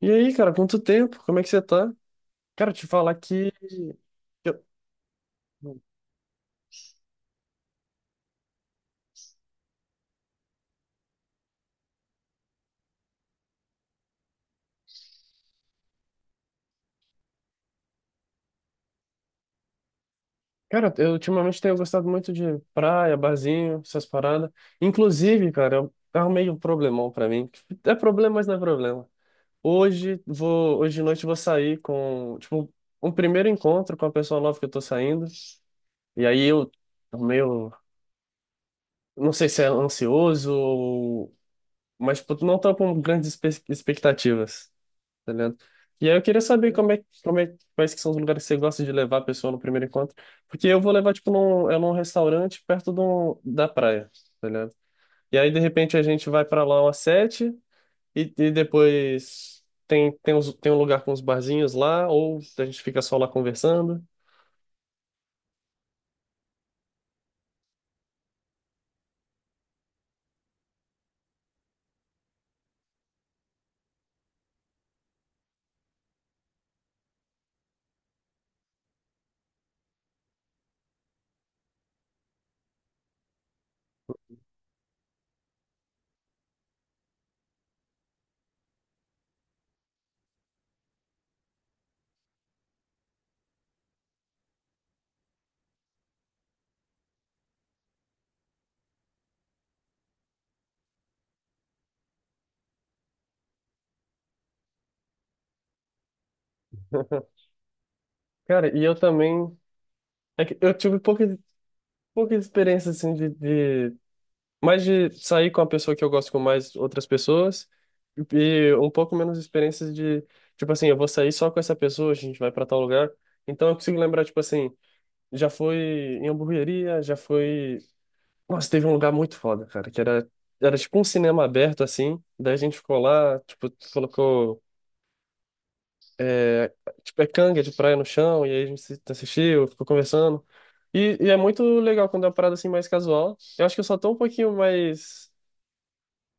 E aí, cara, quanto tempo? Como é que você tá? Cara, te falar que eu- Cara, eu ultimamente tenho gostado muito de praia, barzinho, essas paradas. Inclusive, cara, eu arrumei um problemão pra mim. É problema, mas não é problema. Hoje de noite eu vou sair com, tipo, um primeiro encontro com a pessoa nova que eu tô saindo. E aí eu meio, não sei se é ansioso ou, mas tipo, não tô com grandes expectativas. Tá ligado? E aí eu queria saber como é, quais que são os lugares que você gosta de levar a pessoa no primeiro encontro. Porque eu vou levar, tipo, num restaurante perto de da praia, tá ligado? E aí, de repente, a gente vai pra lá umas 7 e, e depois tem um lugar com uns barzinhos lá, ou a gente fica só lá conversando. Cara, e eu também... é que eu tive pouca experiência, assim, de mais de sair com a pessoa que eu gosto com mais outras pessoas e um pouco menos experiências de, tipo assim, eu vou sair só com essa pessoa, a gente vai para tal lugar. Então eu consigo lembrar, tipo assim, já foi em hamburgueria, já foi. Nossa, teve um lugar muito foda, cara, que era, era tipo um cinema aberto, assim. Daí a gente ficou lá, tipo, colocou, é, tipo, é canga de praia no chão, e aí a gente assistiu, ficou conversando. E é muito legal quando é uma parada assim mais casual. Eu acho que eu só tô um pouquinho mais.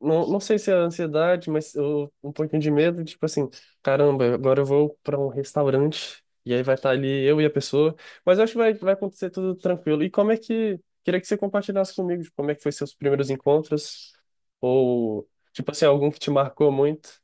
Não, não sei se é ansiedade, mas eu, um pouquinho de medo, tipo assim, caramba, agora eu vou para um restaurante e aí vai estar ali eu e a pessoa, mas eu acho que vai, vai acontecer tudo tranquilo. E como é que, queria que você compartilhasse comigo, tipo, como é que foi seus primeiros encontros, ou, tipo assim, algum que te marcou muito?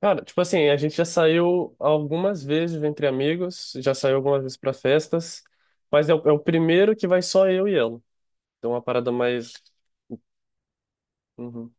Cara, tipo assim, a gente já saiu algumas vezes entre amigos, já saiu algumas vezes para festas, mas é o primeiro que vai só eu e ela, então é uma parada mais... Uhum,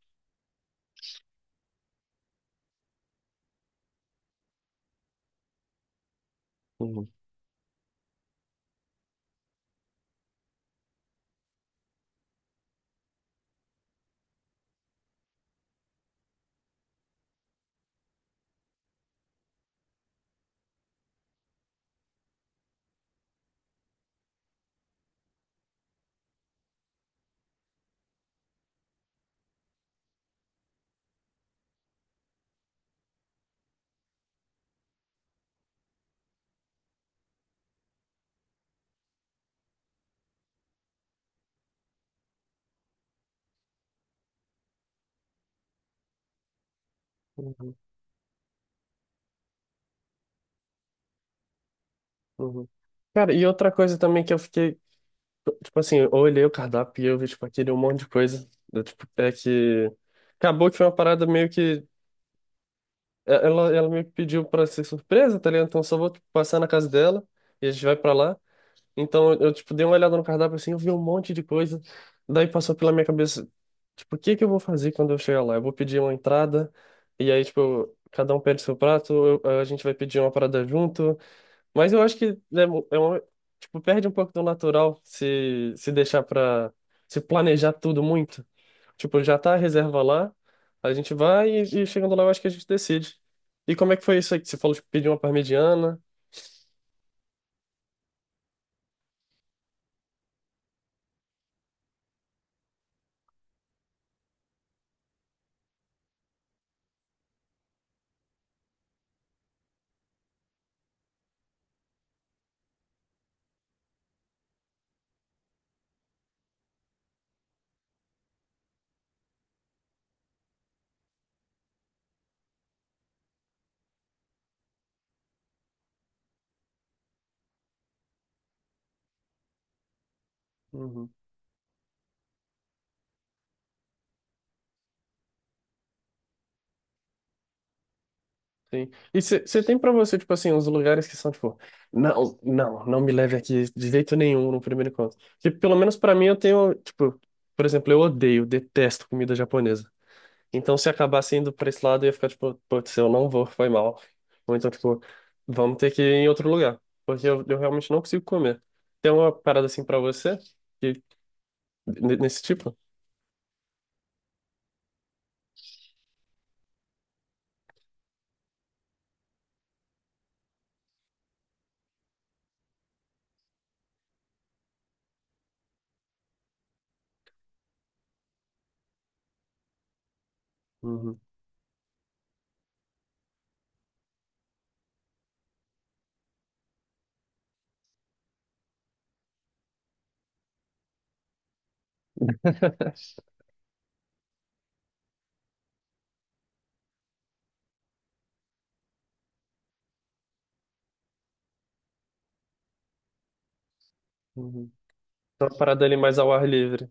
uhum. Uhum. Cara, e outra coisa também que eu fiquei, tipo assim, eu olhei o cardápio e eu vi, tipo, aquele um monte de coisa, né, tipo, é que acabou que foi uma parada meio que, ela, ela meio que pediu pra ser surpresa, tá ligado? Então eu só vou tipo, passar na casa dela e a gente vai pra lá. Então eu, tipo, dei uma olhada no cardápio assim, eu vi um monte de coisa, daí passou pela minha cabeça, tipo, o que que eu vou fazer quando eu chegar lá? Eu vou pedir uma entrada e aí, tipo, cada um pede seu prato, a gente vai pedir uma parada junto, mas eu acho que né, é uma, tipo, perde um pouco do natural se, se deixar pra se planejar tudo muito. Tipo, já tá a reserva lá, a gente vai e chegando lá eu acho que a gente decide. E como é que foi isso aí que você falou, tipo, pedir uma parmegiana? Uhum. Sim. E você tem pra você, tipo assim, uns lugares que são, tipo, não me leve aqui de jeito nenhum no primeiro encontro. Que pelo menos pra mim eu tenho, tipo, por exemplo, eu odeio, detesto comida japonesa. Então, se acabasse indo pra esse lado, eu ia ficar tipo, putz, eu não vou, foi mal. Ou então, tipo, vamos ter que ir em outro lugar, porque eu realmente não consigo comer. Tem uma parada assim pra você? Que, nesse tipo? Uhum. Uhum. Tem uma parada ali mais ao ar livre.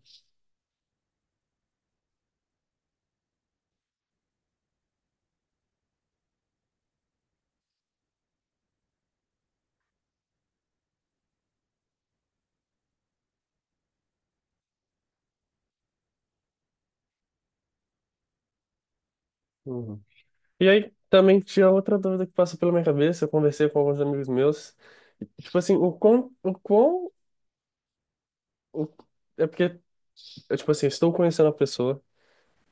Uhum. E aí, também tinha outra dúvida que passou pela minha cabeça, eu conversei com alguns amigos meus. Tipo assim, o- é porque, eu, tipo assim, estou conhecendo a pessoa.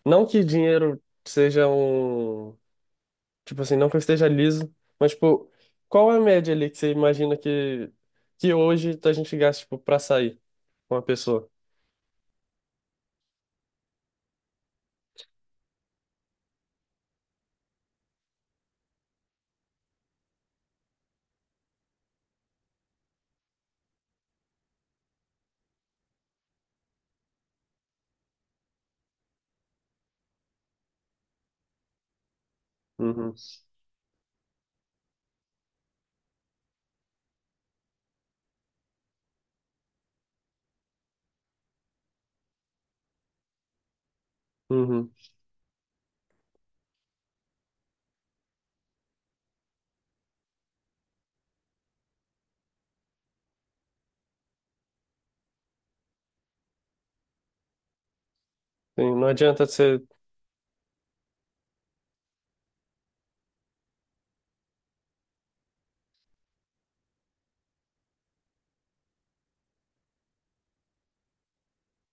Não que dinheiro seja um. Tipo assim, não que eu esteja liso, mas, tipo, qual é a média ali que você imagina que hoje a gente gasta, tipo, pra sair com uma pessoa? Uhum. Uhum. Sim, não adianta ser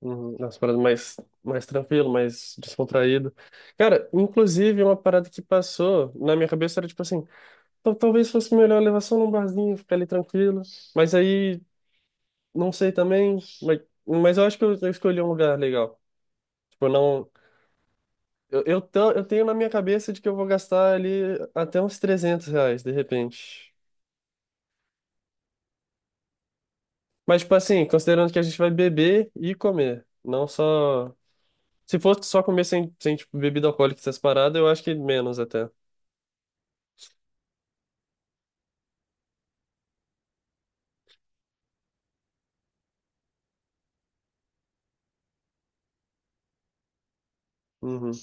uhum, umas paradas mais, mais tranquilo, mais descontraído. Cara, inclusive, uma parada que passou na minha cabeça era, tipo assim, talvez fosse melhor levar só num barzinho, ficar ali tranquilo, mas aí, não sei também, mas eu acho que eu escolhi um lugar legal. Tipo, não. Eu tenho na minha cabeça de que eu vou gastar ali até uns R$ 300, de repente. Mas, tipo assim, considerando que a gente vai beber e comer, não só... Se fosse só comer sem, sem tipo, bebida alcoólica e essas paradas, eu acho que menos até. Uhum.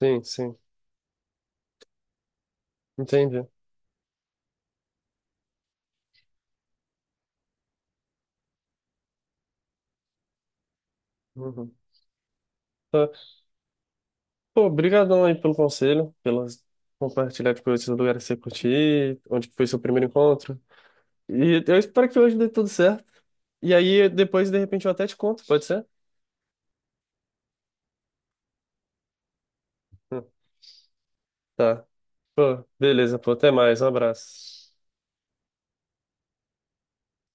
Sim, sim. Entendi. Uhum. Tá. Pô, brigadão aí pelo conselho, pelas compartilhar tipo, esses lugares que você curtiu, onde que foi seu primeiro encontro. E eu espero que hoje dê tudo certo. E aí, depois, de repente, eu até te conto, pode ser? Hum. Tá. Beleza, pô, até mais, um abraço.